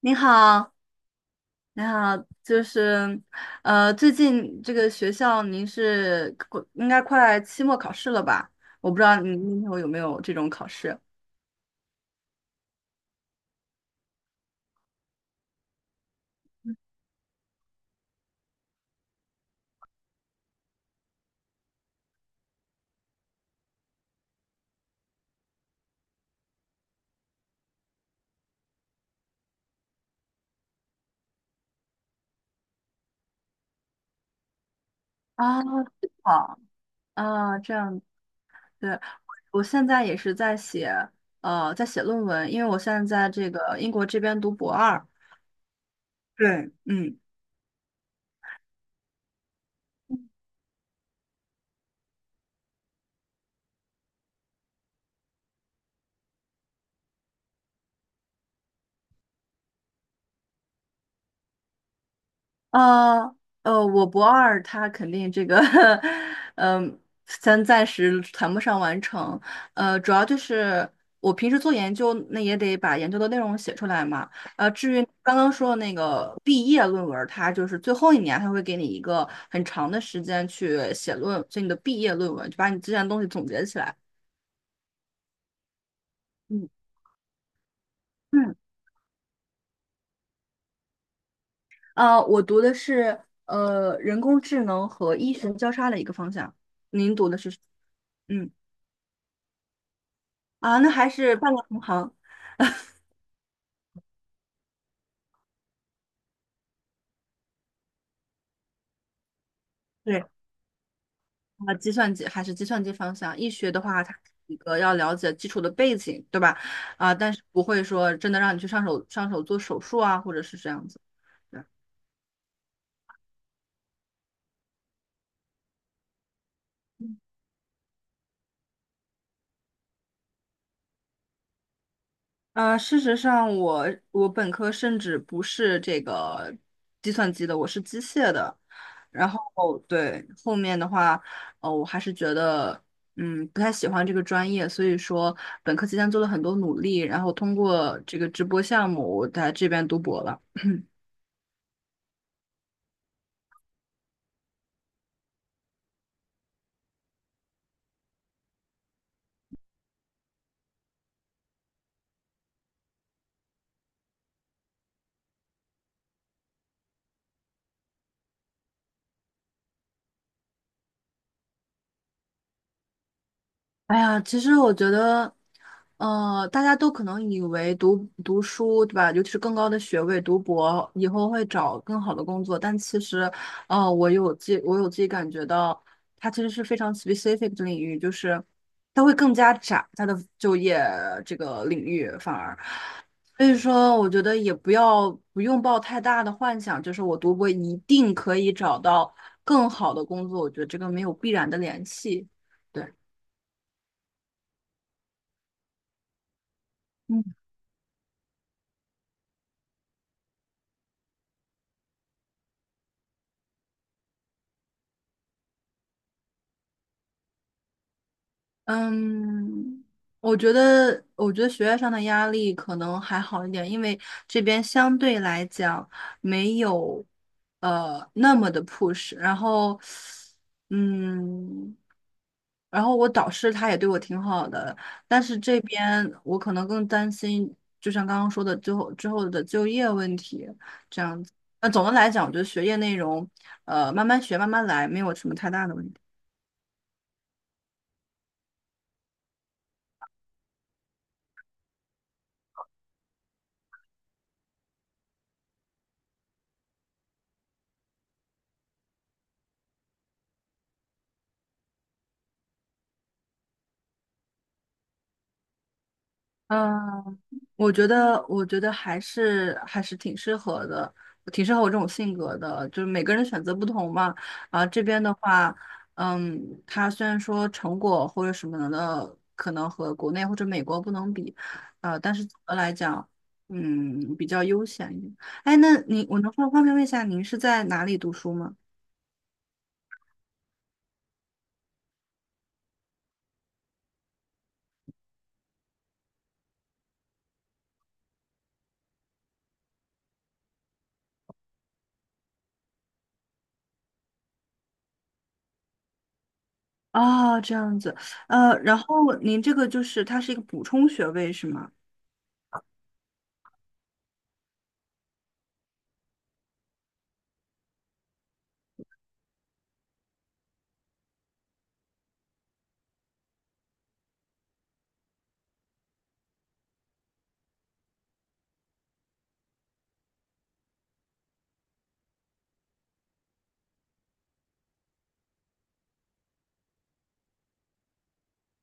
您好，您好，就是，最近这个学校您是应该快期末考试了吧？我不知道您那头有没有这种考试啊？好啊，这样对，我现在也是在写，在写论文，因为我现在在这个英国这边读博二。对，嗯。呃我博二他肯定这个，嗯、咱暂时谈不上完成。主要就是我平时做研究，那也得把研究的内容写出来嘛。至于刚刚说的那个毕业论文儿，它就是最后一年，它会给你一个很长的时间去写论，所以你的毕业论文就把你之前的东西总结起来。嗯嗯，我读的是人工智能和医学交叉的一个方向，您读的是？嗯。啊，那还是半个同行。对，啊，计算机还是计算机方向。一学的话，它是一个要了解基础的背景，对吧？啊，但是不会说真的让你去上手做手术啊，或者是这样子。对。事实上我，我本科甚至不是这个计算机的，我是机械的。然后对后面的话，我还是觉得，嗯，不太喜欢这个专业，所以说本科期间做了很多努力，然后通过这个直播项目，我在这边读博了。哎呀，其实我觉得，大家都可能以为读书，对吧？尤其是更高的学位，读博以后会找更好的工作，但其实，我自己感觉到，它其实是非常 specific 的领域，就是它会更加窄它的就业这个领域，反而，所以说，我觉得也不用抱太大的幻想，就是我读博一定可以找到更好的工作，我觉得这个没有必然的联系。对。嗯。嗯，我觉得，我觉得学业上的压力可能还好一点，因为这边相对来讲没有那么的 push。然后，嗯，然后我导师他也对我挺好的，但是这边我可能更担心，就像刚刚说的，最后之后的就业问题这样子。那总的来讲，我觉得学业内容，慢慢学，慢慢来，没有什么太大的问题。嗯，我觉得，我觉得还是挺适合的，挺适合我这种性格的。就是每个人选择不同嘛。啊，这边的话，嗯，它虽然说成果或者什么的，可能和国内或者美国不能比，但是总的来讲，嗯，比较悠闲一点。哎，那你，我能方便问一下，您是在哪里读书吗？哦，这样子，然后您这个就是它是一个补充学位是吗？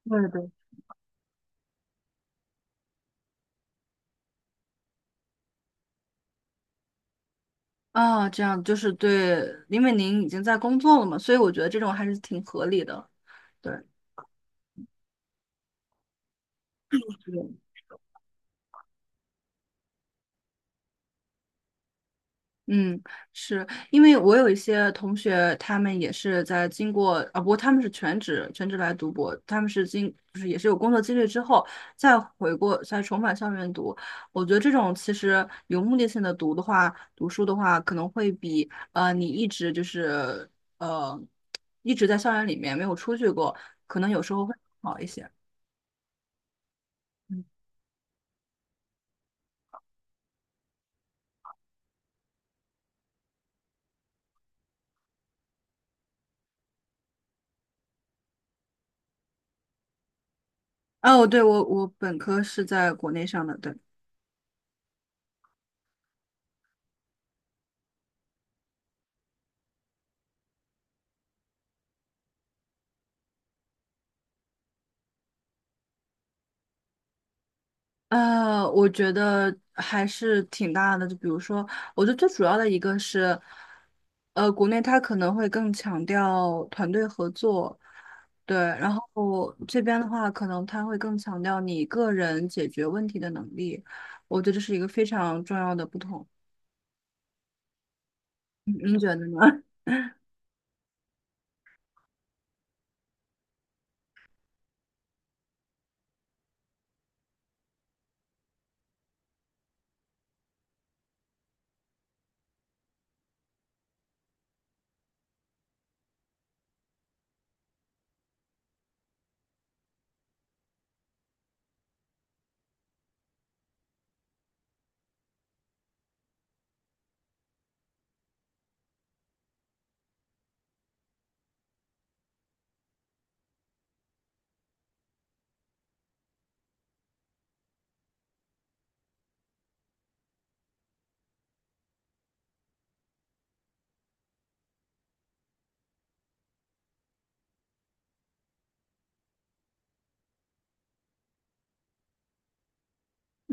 对对啊，这样就是对，因为您已经在工作了嘛，所以我觉得这种还是挺合理的。对，嗯，是因为我有一些同学，他们也是在经过啊，不过他们是全职来读博，他们是经就是也是有工作经历之后再回过再重返校园读。我觉得这种其实有目的性的读的话，读书的话，可能会比你一直就是呃一直在校园里面没有出去过，可能有时候会好一些。哦，对，我本科是在国内上的，对，我觉得还是挺大的。就比如说，我觉得最主要的一个是，国内它可能会更强调团队合作，对，然后这边的话，可能它会更强调你个人解决问题的能力。我觉得这是一个非常重要的不同。您你觉得呢？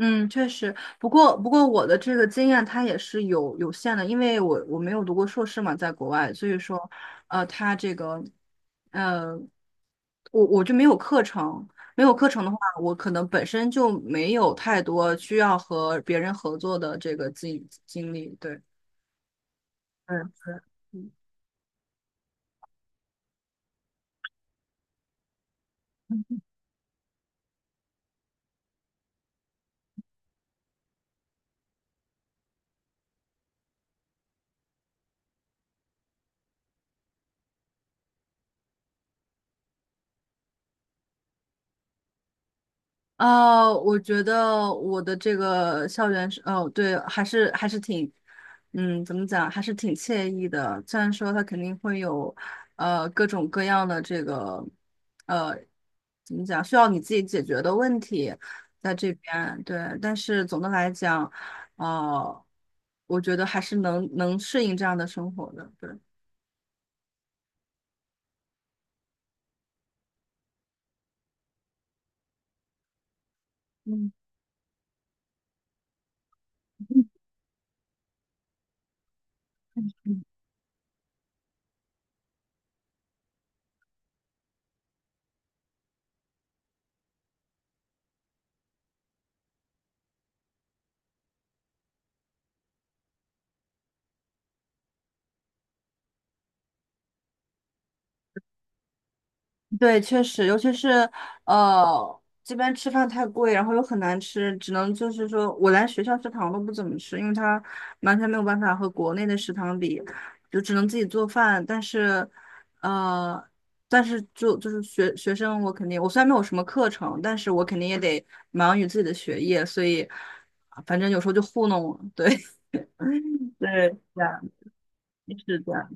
嗯，确实，不过我的这个经验它也是有限的，因为我没有读过硕士嘛，在国外，所以说，呃，它这个，呃，我就没有课程，没有课程的话，我可能本身就没有太多需要和别人合作的这个经历，对，嗯，嗯。啊，我觉得我的这个校园是，哦，对，还是挺，嗯，怎么讲，还是挺惬意的。虽然说它肯定会有，各种各样的这个，呃，怎么讲，需要你自己解决的问题在这边，对。但是总的来讲，呃，我觉得还是能适应这样的生活的，对。嗯。对，确实，尤其是这边吃饭太贵，然后又很难吃，只能就是说我连学校食堂都不怎么吃，因为它完全没有办法和国内的食堂比，就只能自己做饭。但是，呃，但是就是学生，我肯定我虽然没有什么课程，但是我肯定也得忙于自己的学业，所以啊反正有时候就糊弄我。对，对，这样，是这样。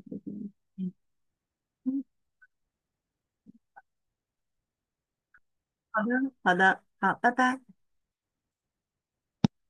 嗯，好的，好的，好，拜拜。